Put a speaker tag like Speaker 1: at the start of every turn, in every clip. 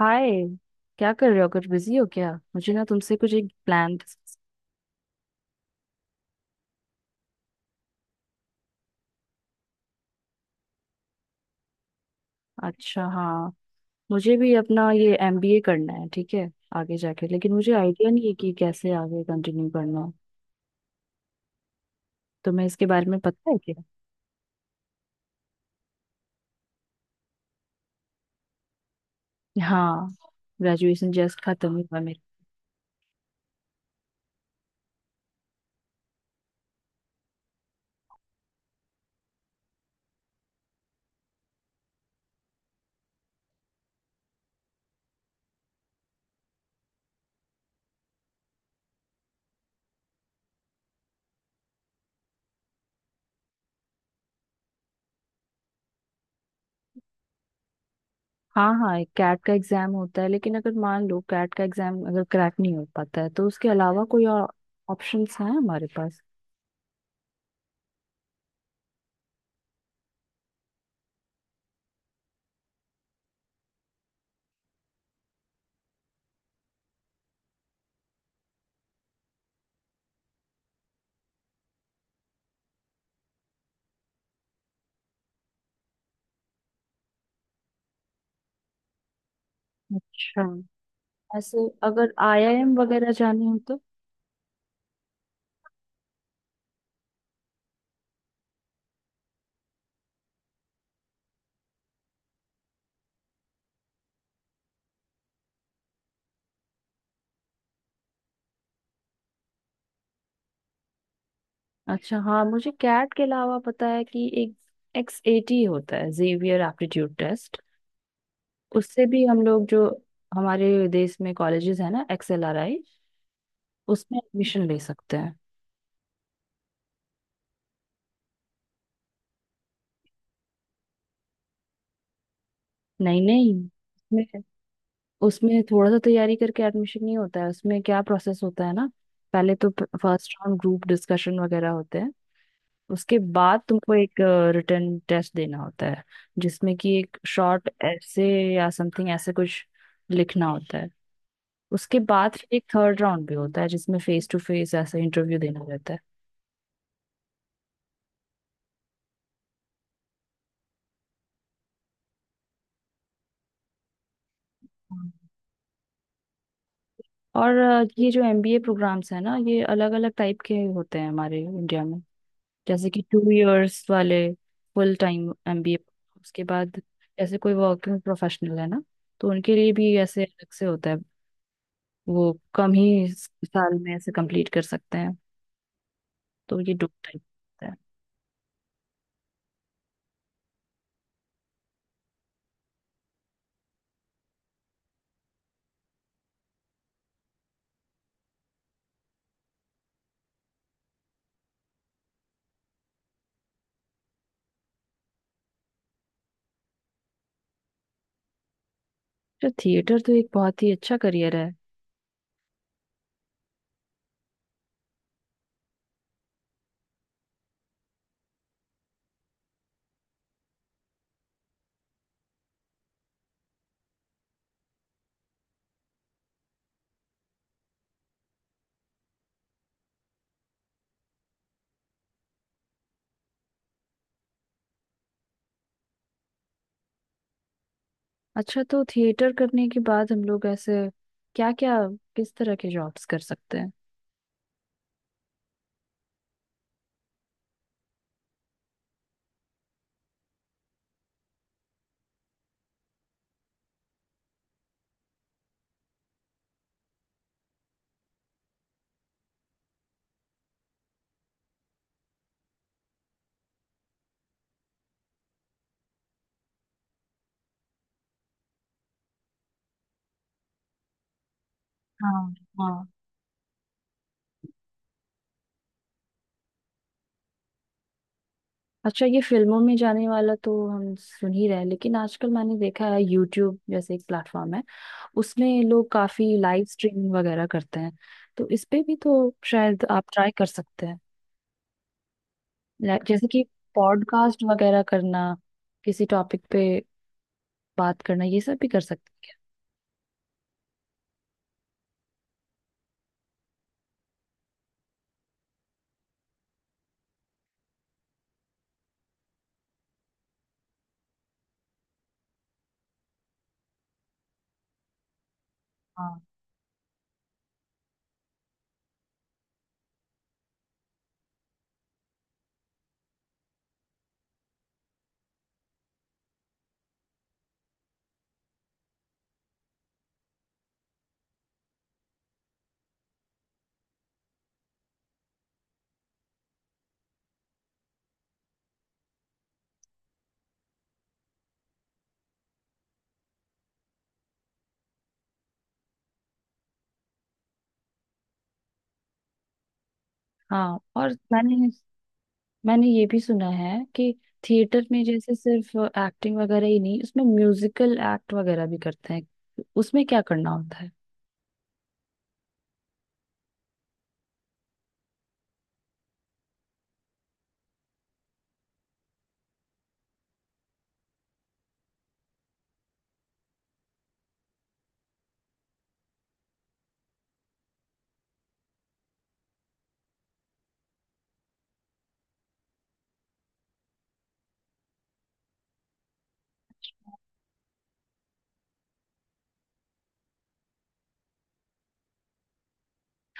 Speaker 1: हाय। क्या कर रहे हो? कुछ बिजी हो क्या? मुझे ना तुमसे कुछ एक प्लान। अच्छा। हाँ, मुझे भी अपना ये एमबीए करना है। ठीक है, आगे जाके, लेकिन मुझे आइडिया नहीं है कि कैसे आगे कंटिन्यू करना है। तुम्हें इसके बारे में पता है क्या? हाँ, ग्रेजुएशन जस्ट खत्म हुआ मेरा। हाँ हाँ, एक कैट का एग्जाम होता है, लेकिन अगर मान लो कैट का एग्जाम अगर क्रैक नहीं हो पाता है तो उसके अलावा कोई और ऑप्शंस हैं हमारे पास? अच्छा। ऐसे अगर आईआईएम वगैरह जाने हो तो? अच्छा। हाँ, मुझे कैट के अलावा पता है कि एक एक्स एटी होता है, जेवियर एप्टीट्यूड टेस्ट। उससे भी हम लोग जो हमारे देश में कॉलेजेस है ना, एक्सएलआरआई, उसमें एडमिशन ले सकते हैं। नहीं नहीं, उसमें उसमें थोड़ा सा तैयारी करके एडमिशन नहीं होता है। उसमें क्या प्रोसेस होता है ना, पहले तो फर्स्ट राउंड ग्रुप डिस्कशन वगैरह होते हैं। उसके बाद तुमको एक रिटर्न टेस्ट देना होता है, जिसमें कि एक शॉर्ट ऐसे या समथिंग ऐसे कुछ लिखना होता है। उसके बाद फिर एक थर्ड राउंड भी होता है, जिसमें फेस टू फेस ऐसा इंटरव्यू देना रहता है। हाँ। और ये जो एमबीए प्रोग्राम्स है ना, ये अलग अलग टाइप के होते हैं हमारे इंडिया में। जैसे कि टू इयर्स वाले फुल टाइम एमबीए। उसके बाद जैसे कोई वर्किंग प्रोफेशनल है ना, तो उनके लिए भी ऐसे अलग से होता है। वो कम ही साल में ऐसे कंप्लीट कर सकते हैं। तो ये दो टाइप होता है। तो थिएटर तो एक बहुत ही अच्छा करियर है। अच्छा, तो थिएटर करने के बाद हम लोग ऐसे क्या क्या, किस तरह के जॉब्स कर सकते हैं? हाँ हाँ। अच्छा, ये फिल्मों में जाने वाला तो हम सुन ही रहे हैं, लेकिन आजकल मैंने देखा है यूट्यूब जैसे एक प्लेटफॉर्म है, उसमें लोग काफी लाइव स्ट्रीमिंग वगैरह करते हैं। तो इस पे भी तो शायद आप ट्राई कर सकते हैं। जैसे कि पॉडकास्ट वगैरह करना, किसी टॉपिक पे बात करना, ये सब भी कर सकते हैं। हाँ हाँ। और मैंने मैंने ये भी सुना है कि थिएटर में जैसे सिर्फ एक्टिंग वगैरह ही नहीं, उसमें म्यूजिकल एक्ट वगैरह भी करते हैं। उसमें क्या करना होता है?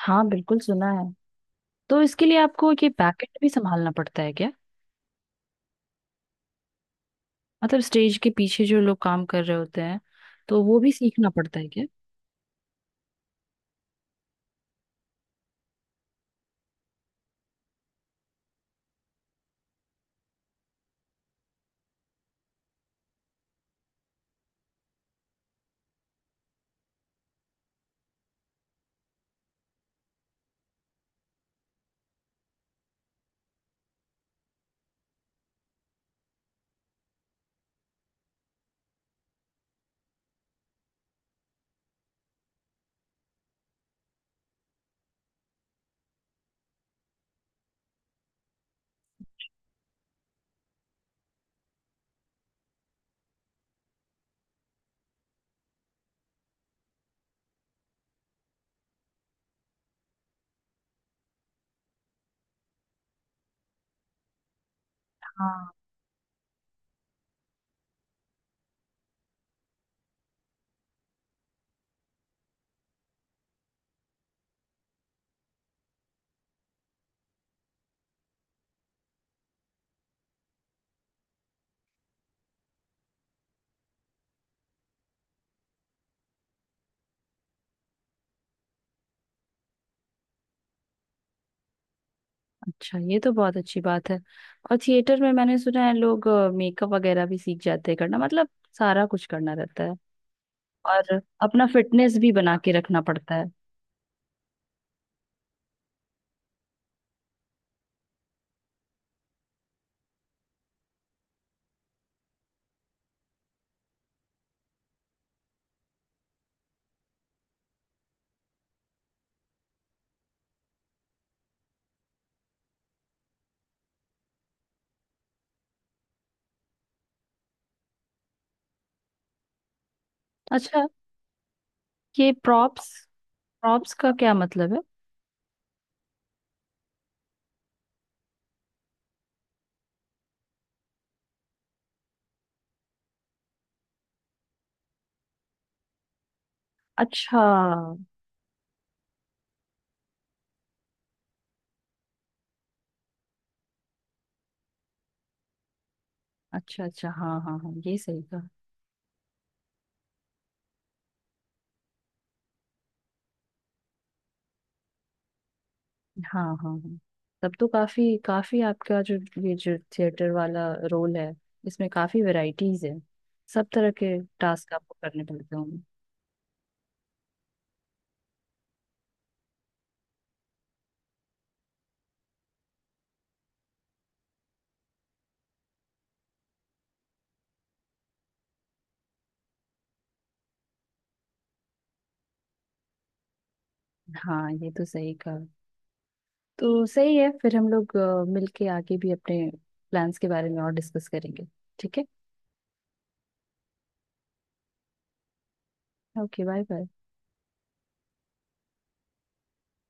Speaker 1: हाँ, बिल्कुल सुना है। तो इसके लिए आपको ये बैकएंड भी संभालना पड़ता है क्या? मतलब स्टेज के पीछे जो लोग काम कर रहे होते हैं, तो वो भी सीखना पड़ता है क्या? हाँ। अच्छा, ये तो बहुत अच्छी बात है। और थिएटर में मैंने सुना है लोग मेकअप वगैरह भी सीख जाते हैं करना, मतलब सारा कुछ करना रहता है। और अपना फिटनेस भी बना के रखना पड़ता है। अच्छा, ये प्रॉप्स, प्रॉप्स का क्या मतलब है? अच्छा अच्छा। अच्छा, हाँ हाँ हाँ, ये सही कहा। हाँ हाँ हाँ। तब तो काफी काफी आपका जो ये जो थिएटर वाला रोल है, इसमें काफी वैरायटीज है। सब तरह के टास्क आपको करने पड़ते होंगे। हाँ, ये तो सही कहा। तो सही है, फिर हम लोग मिलके आगे भी अपने प्लान्स के बारे में और डिस्कस करेंगे। ठीक है। Okay, bye bye.